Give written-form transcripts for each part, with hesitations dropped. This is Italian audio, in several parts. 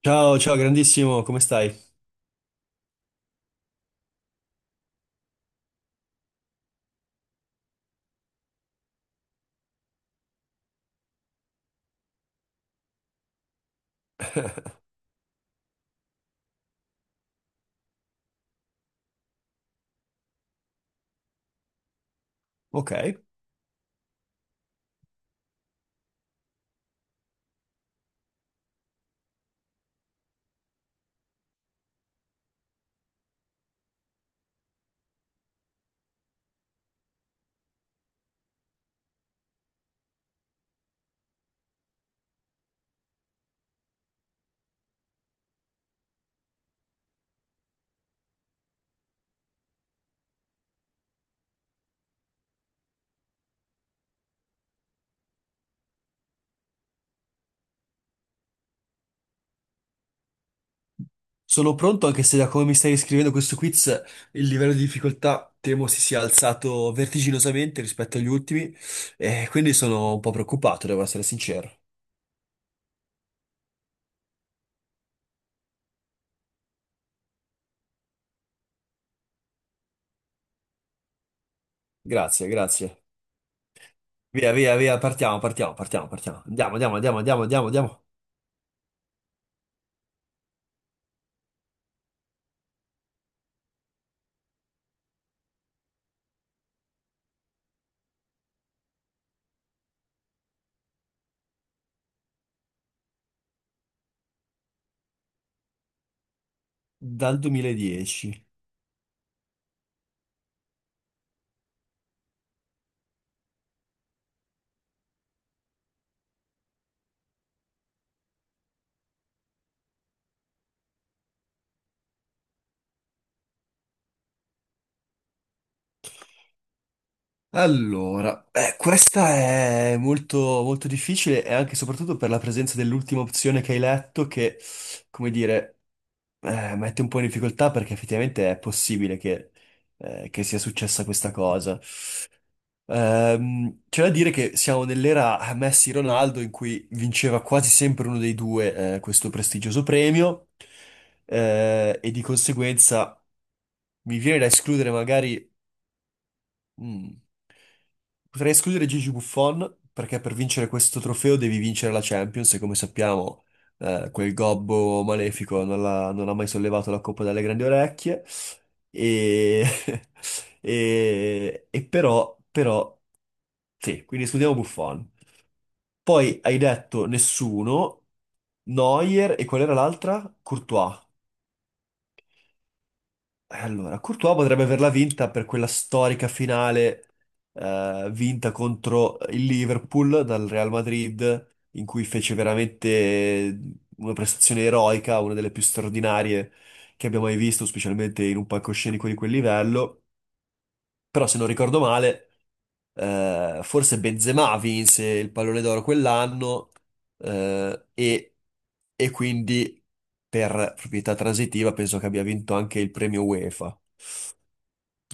Ciao, ciao, grandissimo, come stai? Ok, sono pronto anche se da come mi stai scrivendo questo quiz il livello di difficoltà temo si sia alzato vertiginosamente rispetto agli ultimi e quindi sono un po' preoccupato, devo essere sincero. Grazie, grazie. Via, via, via, partiamo, partiamo, partiamo, partiamo. Andiamo, andiamo, andiamo, andiamo, andiamo, andiamo. Dal 2010. Allora, questa è molto, molto difficile e anche e soprattutto per la presenza dell'ultima opzione che hai letto che, come dire, mette un po' in difficoltà perché effettivamente è possibile che sia successa questa cosa. C'è da dire che siamo nell'era Messi-Ronaldo in cui vinceva quasi sempre uno dei due, questo prestigioso premio, e di conseguenza mi viene da escludere magari. Mm. Potrei escludere Gigi Buffon perché per vincere questo trofeo devi vincere la Champions e come sappiamo quel gobbo malefico non, non ha mai sollevato la coppa dalle grandi orecchie e, e però, però sì, quindi escludiamo Buffon. Poi hai detto nessuno, Neuer e qual era l'altra? Courtois. Allora, Courtois potrebbe averla vinta per quella storica finale vinta contro il Liverpool dal Real Madrid, in cui fece veramente una prestazione eroica, una delle più straordinarie che abbiamo mai visto, specialmente in un palcoscenico di quel livello. Però, se non ricordo male, forse Benzema vinse il pallone d'oro quell'anno eh, e, e quindi per proprietà transitiva penso che abbia vinto anche il premio UEFA.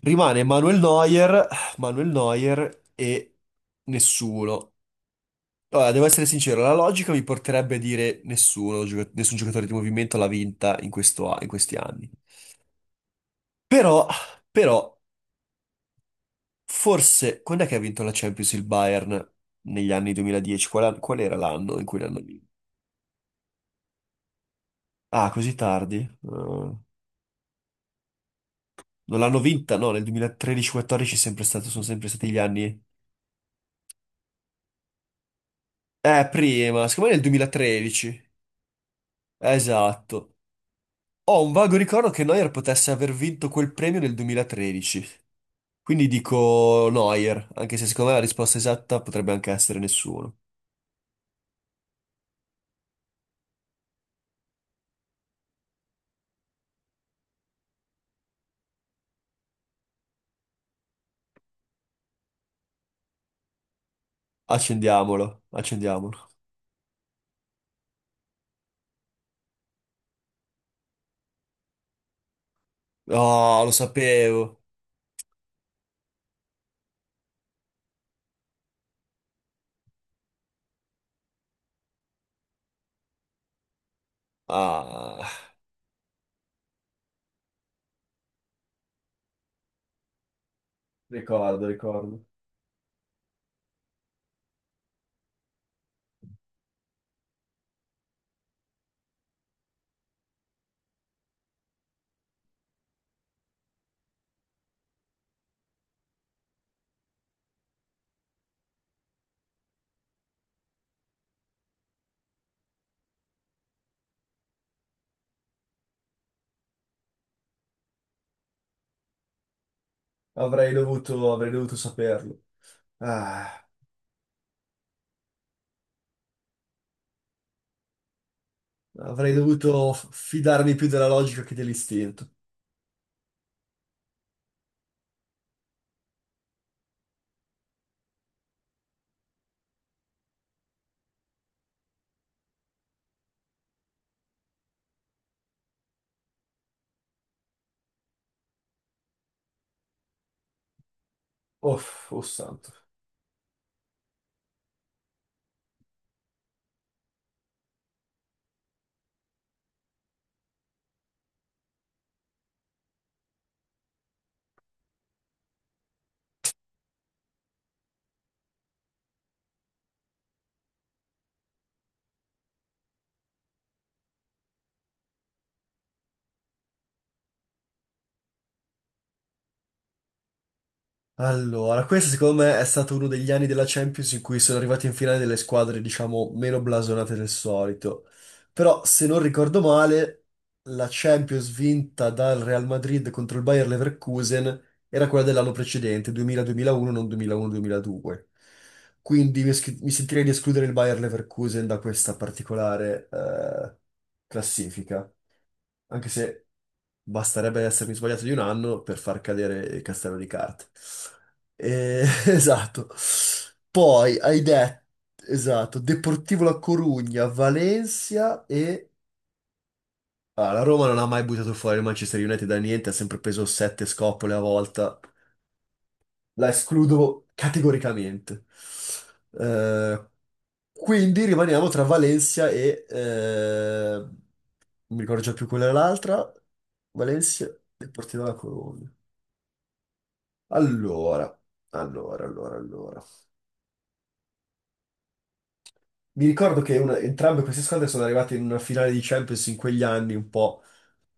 Rimane Manuel Neuer, Manuel Neuer e nessuno. Allora, devo essere sincero, la logica mi porterebbe a dire nessuno, nessun giocatore di movimento l'ha vinta in questo in questi anni. Però, però, forse, quando è che ha vinto la Champions il Bayern? Negli anni 2010? Qual era l'anno in cui l'hanno vinta? Ah, così tardi? Non l'hanno vinta? No, nel 2013-14 sono sempre stati gli anni. Prima, secondo me nel 2013. Esatto. Ho un vago ricordo che Neuer potesse aver vinto quel premio nel 2013, quindi dico Neuer, anche se secondo me la risposta esatta potrebbe anche essere nessuno. Accendiamolo, accendiamolo. Oh, lo sapevo. Ah, ricordo, ricordo. Avrei dovuto saperlo. Ah, avrei dovuto fidarmi più della logica che dell'istinto. Oh, oh santo. Allora, questo secondo me è stato uno degli anni della Champions in cui sono arrivati in finale delle squadre, diciamo, meno blasonate del solito. Però, se non ricordo male, la Champions vinta dal Real Madrid contro il Bayer Leverkusen era quella dell'anno precedente, 2000-2001, non 2001-2002. Quindi mi sentirei di escludere il Bayer Leverkusen da questa particolare classifica, anche se basterebbe essermi sbagliato di un anno per far cadere il castello di carte. Esatto. Poi hai detto, esatto, Deportivo La Corugna, Valencia e... Ah, la Roma non ha mai buttato fuori il Manchester United da niente, ha sempre preso sette scopole a volta. La escludo categoricamente. Eh, quindi rimaniamo tra Valencia e... non mi ricordo già più quella era l'altra. Valencia e Porti dalla Colombia. Allora, allora, allora, allora. Mi ricordo che entrambe queste squadre sono arrivate in una finale di Champions in quegli anni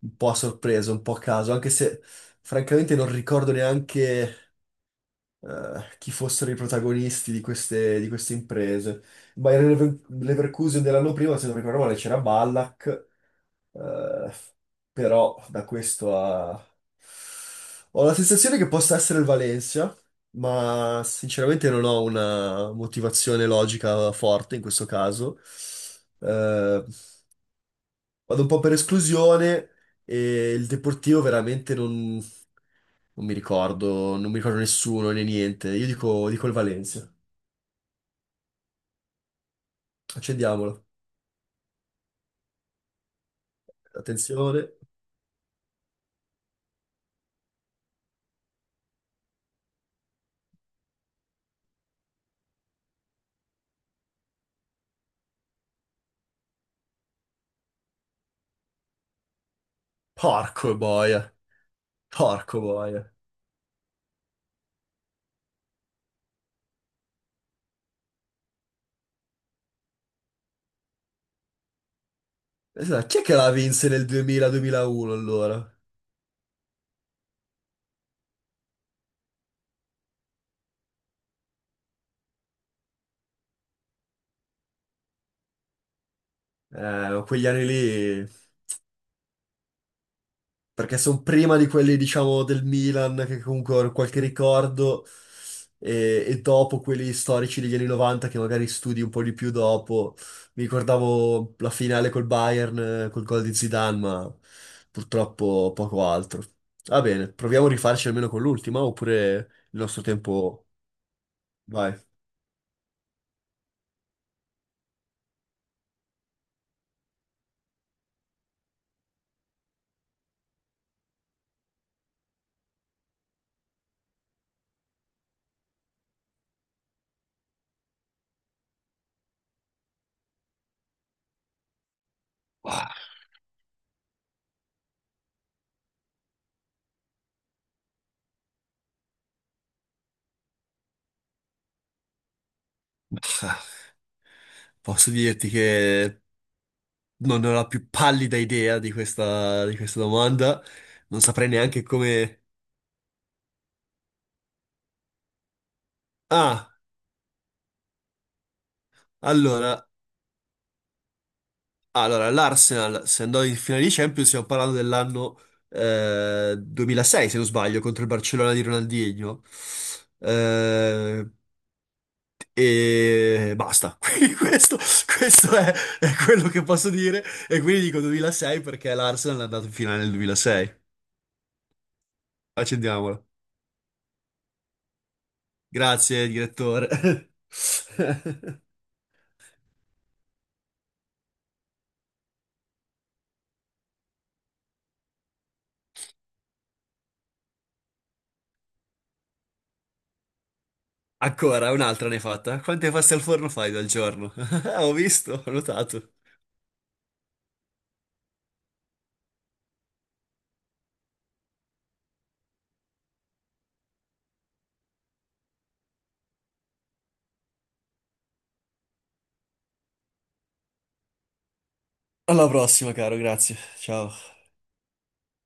un po' a sorpresa, un po' a caso, anche se francamente non ricordo neanche chi fossero i protagonisti di queste imprese. Leverkusen dell'anno prima, se non ricordo male, c'era Ballack, eh, però da questo a... ho la sensazione che possa essere il Valencia, ma sinceramente non ho una motivazione logica forte in questo caso. Eh, Vado un po' per esclusione e il Deportivo veramente non... non mi ricordo, non mi ricordo nessuno né niente. Dico il Valencia. Accendiamolo. Attenzione. Porco boia. Porco boia. Esatto, chi è che la vinse nel 2000-2001 allora? Quegli anni lì, perché sono prima di quelli, diciamo, del Milan, che comunque hanno qualche ricordo, e dopo quelli storici degli anni 90, che magari studi un po' di più dopo. Mi ricordavo la finale col Bayern, col gol di Zidane, ma purtroppo poco altro. Va bene, proviamo a rifarci almeno con l'ultima, oppure il nostro tempo... Vai. Ah, posso dirti che non ho la più pallida idea di questa domanda. Non saprei neanche come. Ah! Allora, allora, l'Arsenal, se andò in finale di Champions, stiamo parlando dell'anno 2006, se non sbaglio, contro il Barcellona di Ronaldinho. Eh, e basta. Questo è quello che posso dire. E quindi dico 2006 perché l'Arsenal è andato in finale nel 2006. Accendiamola. Grazie, direttore. Ancora, un'altra ne hai fatta. Quante paste al forno fai dal giorno? Ho visto, ho notato. Alla prossima, caro, grazie. Ciao.